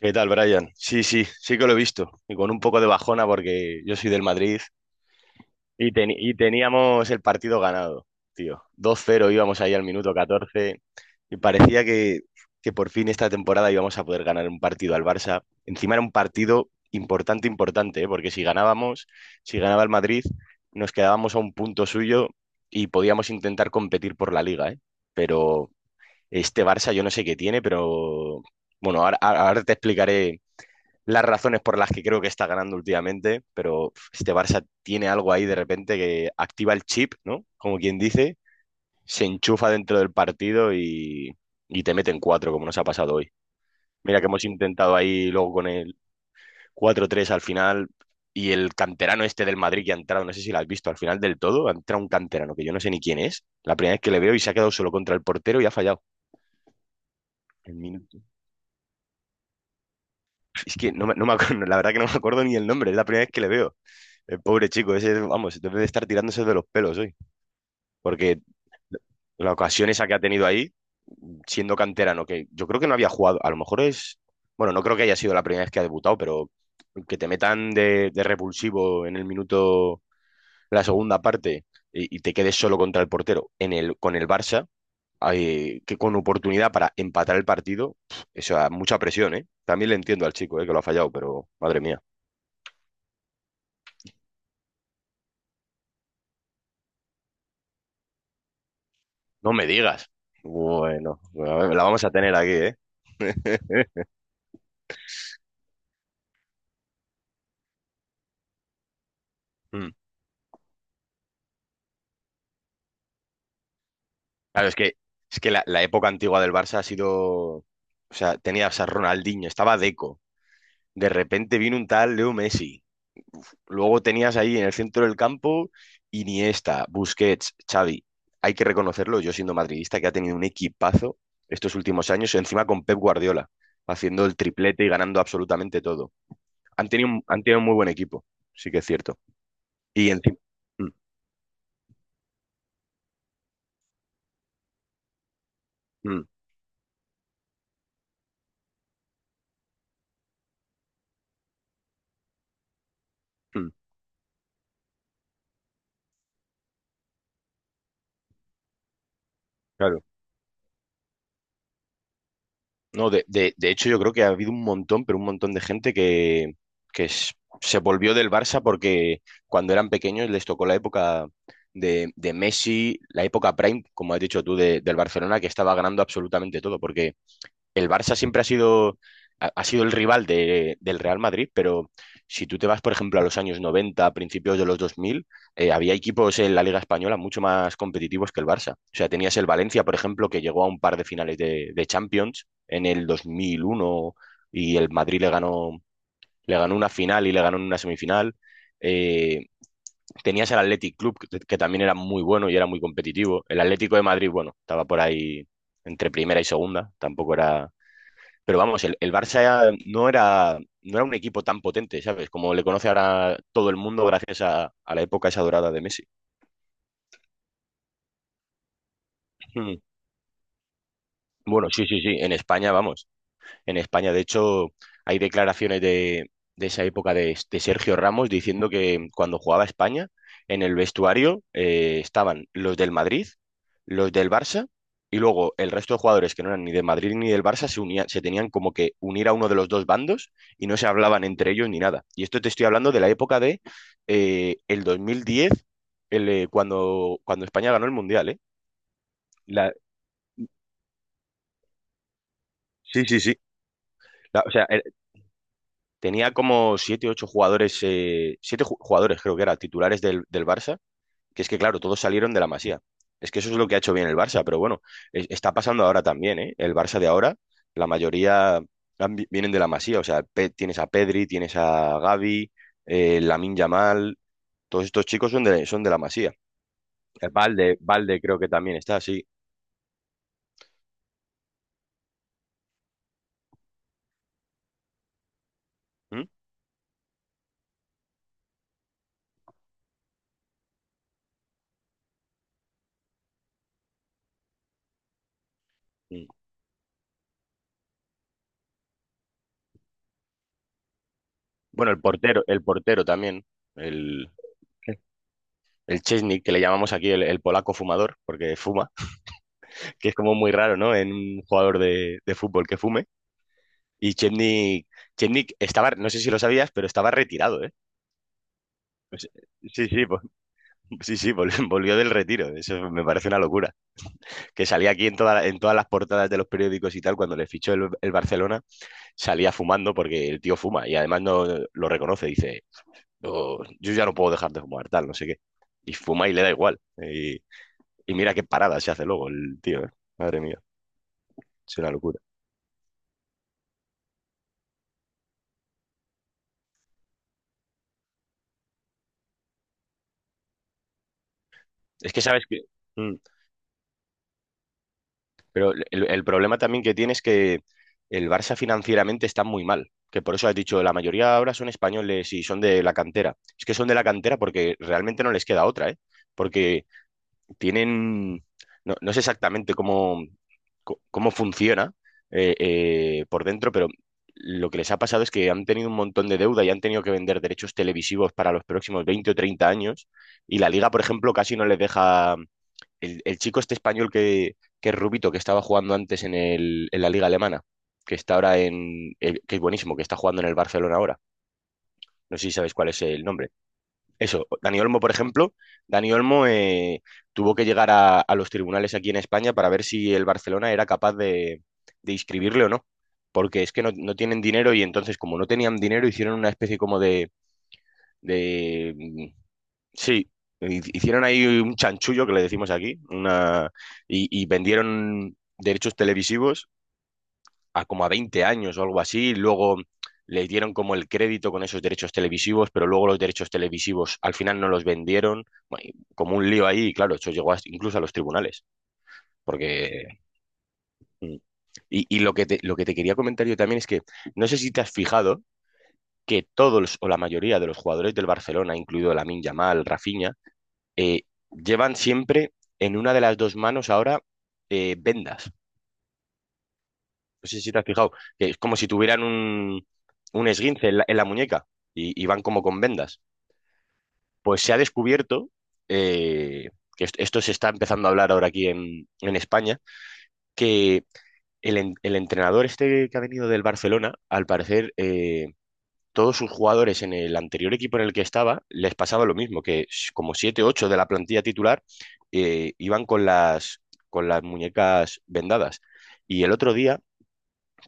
¿Qué tal, Brian? Sí, sí, sí que lo he visto. Y con un poco de bajona porque yo soy del Madrid y teníamos el partido ganado, tío. 2-0 íbamos ahí al minuto 14 y parecía que por fin esta temporada íbamos a poder ganar un partido al Barça. Encima era un partido importante, importante, ¿eh? Porque si ganábamos, si ganaba el Madrid, nos quedábamos a un punto suyo y podíamos intentar competir por la liga, ¿eh? Pero este Barça yo no sé qué tiene, pero bueno, ahora te explicaré las razones por las que creo que está ganando últimamente, pero uf, este Barça tiene algo ahí de repente que activa el chip, ¿no? Como quien dice, se enchufa dentro del partido y te meten cuatro, como nos ha pasado hoy. Mira que hemos intentado ahí luego con el cuatro tres al final y el canterano este del Madrid que ha entrado, no sé si lo has visto, al final del todo, ha entrado un canterano que yo no sé ni quién es, la primera vez que le veo y se ha quedado solo contra el portero y ha fallado. El minuto- Es que no me acuerdo, la verdad que no me acuerdo ni el nombre, es la primera vez que le veo. El pobre chico, ese, vamos, debe de estar tirándose de los pelos hoy. Porque la ocasión esa que ha tenido ahí, siendo canterano, que yo creo que no había jugado, a lo mejor es, bueno, no creo que haya sido la primera vez que ha debutado, pero que te metan de, repulsivo en el minuto, la segunda parte, y te quedes solo contra el portero con el Barça, que con oportunidad para empatar el partido, eso, da mucha presión, ¿eh? También le entiendo al chico, que lo ha fallado, pero madre mía. No me digas. Bueno, bueno, la vamos a tener aquí, ¿eh? Mm. Claro, es que la época antigua del Barça ha sido. O sea, tenías a Ronaldinho, estaba Deco. De repente vino un tal Leo Messi. Luego tenías ahí en el centro del campo Iniesta, Busquets, Xavi. Hay que reconocerlo, yo siendo madridista, que ha tenido un equipazo estos últimos años, encima con Pep Guardiola, haciendo el triplete y ganando absolutamente todo. Han tenido un muy buen equipo, sí que es cierto. Y encima. Mm, mm, mm. Claro. No, de hecho yo creo que ha habido un montón, pero un montón de gente que se volvió del Barça porque cuando eran pequeños les tocó la época de, Messi, la época prime, como has dicho tú, del Barcelona, que estaba ganando absolutamente todo, porque el Barça siempre ha sido, ha sido el rival del Real Madrid, pero si tú te vas, por ejemplo, a los años 90, a principios de los 2000, había equipos en la Liga Española mucho más competitivos que el Barça. O sea, tenías el Valencia, por ejemplo, que llegó a un par de finales de, Champions en el 2001 y el Madrid le ganó una final y le ganó en una semifinal. Eh, tenías el Athletic Club, que también era muy bueno y era muy competitivo. El Atlético de Madrid, bueno, estaba por ahí entre primera y segunda, tampoco era pero vamos, el Barça no era un equipo tan potente, ¿sabes? Como le conoce ahora todo el mundo gracias a, la época esa dorada de Messi. Mm. Bueno, sí, sí, sí, en España, vamos. En España. De hecho, hay declaraciones de, esa época de Sergio Ramos diciendo que cuando jugaba España, en el vestuario estaban los del Madrid, los del Barça y luego el resto de jugadores que no eran ni del Madrid ni del Barça se unían, se tenían como que unir a uno de los dos bandos y no se hablaban entre ellos ni nada. Y esto te estoy hablando de la época de el 2010, cuando España ganó el Mundial, ¿eh? La- sí, sí, sí. O sea, tenía como siete, ocho jugadores, siete jugadores creo que era, titulares del Barça, que es que claro, todos salieron de la Masía. Es que eso es lo que ha hecho bien el Barça, pero bueno, está pasando ahora también, ¿eh? El Barça de ahora, la mayoría vienen de la Masía, o sea, tienes a Pedri, tienes a Gavi, Lamine Yamal, todos estos chicos son de, la Masía. El Valde creo que también está, sí. ¿Mm? Mm. Bueno, el portero también, el, el Chesney, que le llamamos aquí el polaco fumador, porque fuma. Que es como muy raro, ¿no? En un jugador de fútbol que fume. Y Chetnik estaba, no sé si lo sabías, pero estaba retirado, ¿eh? Pues, sí, sí, sí, sí, volvió del retiro. Eso me parece una locura. Que salía aquí en todas las portadas de los periódicos y tal, cuando le fichó el Barcelona, salía fumando porque el tío fuma y además no lo reconoce. Dice, "No, yo ya no puedo dejar de fumar, tal, no sé qué. Y fuma y le da igual. Y mira qué parada se hace luego el tío, ¿eh? Madre mía, es una locura. Es que sabes que... Mm. Pero el problema también que tiene es que el Barça financieramente está muy mal, que por eso has dicho, la mayoría ahora son españoles y son de la cantera. Es que son de la cantera porque realmente no les queda otra, ¿eh? Porque tienen, no, no sé exactamente cómo, cómo funciona por dentro, pero lo que les ha pasado es que han tenido un montón de deuda y han tenido que vender derechos televisivos para los próximos 20 o 30 años y la liga, por ejemplo, casi no les deja el chico este español que es Rubito, que estaba jugando antes en la liga alemana, que está ahora que es buenísimo, que está jugando en el Barcelona ahora. No sé si sabes cuál es el nombre. Eso, Dani Olmo, por ejemplo, Dani Olmo tuvo que llegar a, los tribunales aquí en España para ver si el Barcelona era capaz de inscribirle o no. Porque es que no tienen dinero y entonces, como no tenían dinero, hicieron una especie como de, Sí, hicieron ahí un chanchullo que le decimos aquí, una. Y vendieron derechos televisivos a como a 20 años o algo así, y luego le dieron como el crédito con esos derechos televisivos, pero luego los derechos televisivos al final no los vendieron. Bueno, y como un lío ahí, y claro, eso llegó incluso a los tribunales, porque. Mm. Y lo que te, quería comentar yo también es que no sé si te has fijado que todos o la mayoría de los jugadores del Barcelona, incluido Lamine Yamal, Rafinha, eh, llevan siempre en una de las dos manos ahora vendas. No sé si te has fijado, que es como si tuvieran un, esguince en la, muñeca y van como con vendas. Pues se ha descubierto, eh, que esto se está empezando a hablar ahora aquí en España, que el entrenador este que ha venido del Barcelona, al parecer, todos sus jugadores en el anterior equipo en el que estaba les pasaba lo mismo, que como 7, 8 de la plantilla titular iban con las, muñecas vendadas. Y el otro día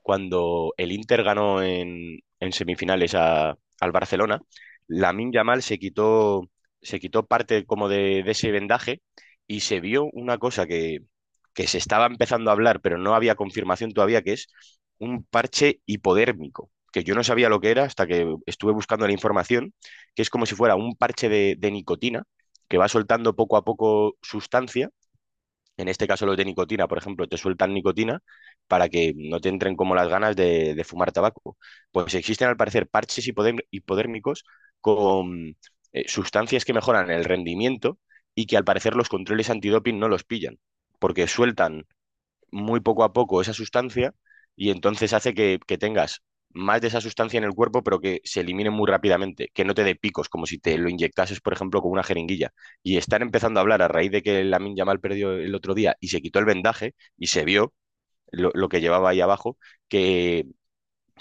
cuando el Inter ganó en semifinales al Barcelona, Lamine Yamal se quitó, parte como de ese vendaje y se vio una cosa que se estaba empezando a hablar, pero no había confirmación todavía, que es un parche hipodérmico, que yo no sabía lo que era hasta que estuve buscando la información, que es como si fuera un parche de, nicotina que va soltando poco a poco sustancia en este caso los de nicotina, por ejemplo, te sueltan nicotina para que no te entren como las ganas de fumar tabaco. Pues existen al parecer parches hipodérmicos con sustancias que mejoran el rendimiento y que al parecer los controles antidoping no los pillan, porque sueltan muy poco a poco esa sustancia y entonces hace que tengas más de esa sustancia en el cuerpo, pero que se elimine muy rápidamente, que no te dé picos, como si te lo inyectases, por ejemplo, con una jeringuilla. Y están empezando a hablar a raíz de que Lamin Yamal perdió el otro día y se quitó el vendaje y se vio lo que llevaba ahí abajo, que,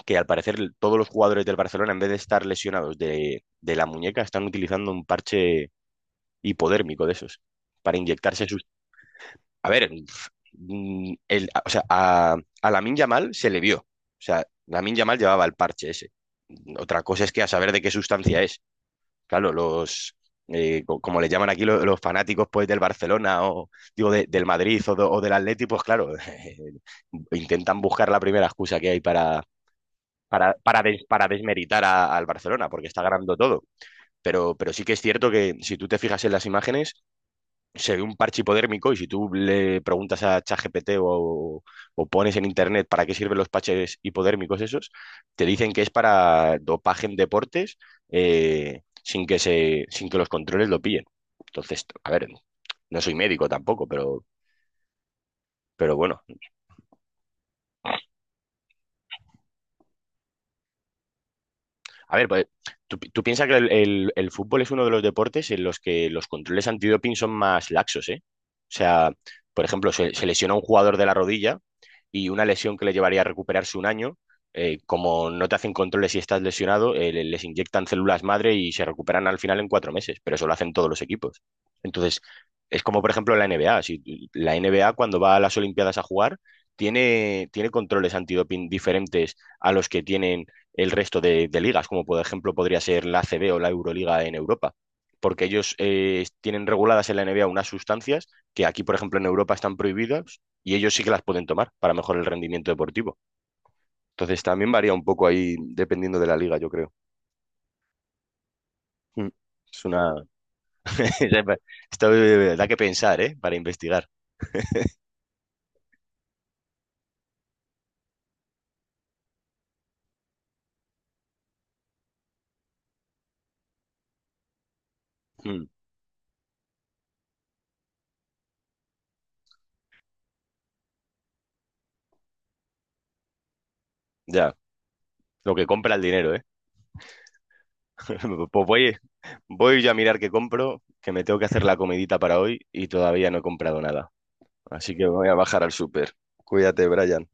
que, al parecer todos los jugadores del Barcelona, en vez de estar lesionados de, la muñeca, están utilizando un parche hipodérmico de esos para inyectarse sus. A ver, o sea, a Lamine Yamal se le vio. O sea, Lamine Yamal llevaba el parche ese. Otra cosa es que a saber de qué sustancia es. Claro, como le llaman aquí los fanáticos pues del Barcelona o digo del Madrid o, o del Atleti, pues claro, intentan buscar la primera excusa que hay para desmeritar al Barcelona, porque está ganando todo. Pero sí que es cierto que si tú te fijas en las imágenes, se ve un parche hipodérmico y si tú le preguntas a ChatGPT o pones en internet para qué sirven los parches hipodérmicos esos, te dicen que es para dopaje en deportes sin que los controles lo pillen. Entonces, a ver, no soy médico tampoco, pero bueno, a ver, pues tú piensas que el fútbol es uno de los deportes en los que los controles antidoping son más laxos, ¿eh? O sea, por ejemplo, se lesiona un jugador de la rodilla y una lesión que le llevaría a recuperarse un año, como no te hacen controles si estás lesionado, les inyectan células madre y se recuperan al final en 4 meses, pero eso lo hacen todos los equipos. Entonces, es como por ejemplo la NBA. Si tú- la NBA cuando va a las Olimpiadas a jugar, tiene controles antidoping diferentes a los que tienen el resto de, ligas, como por ejemplo podría ser la ACB o la Euroliga en Europa, porque ellos tienen reguladas en la N NBA unas sustancias que aquí, por ejemplo, en Europa están prohibidas y ellos sí que las pueden tomar para mejorar el rendimiento deportivo. Entonces también varía un poco ahí dependiendo de la liga, yo creo. Mm. Es una. Esto da que pensar, ¿eh? Para investigar. Mm. Ya, lo que compra el dinero, ¿eh? Pues voy, yo a mirar qué compro, que me tengo que hacer la comidita para hoy y todavía no he comprado nada. Así que me voy a bajar al súper. Cuídate, Brian.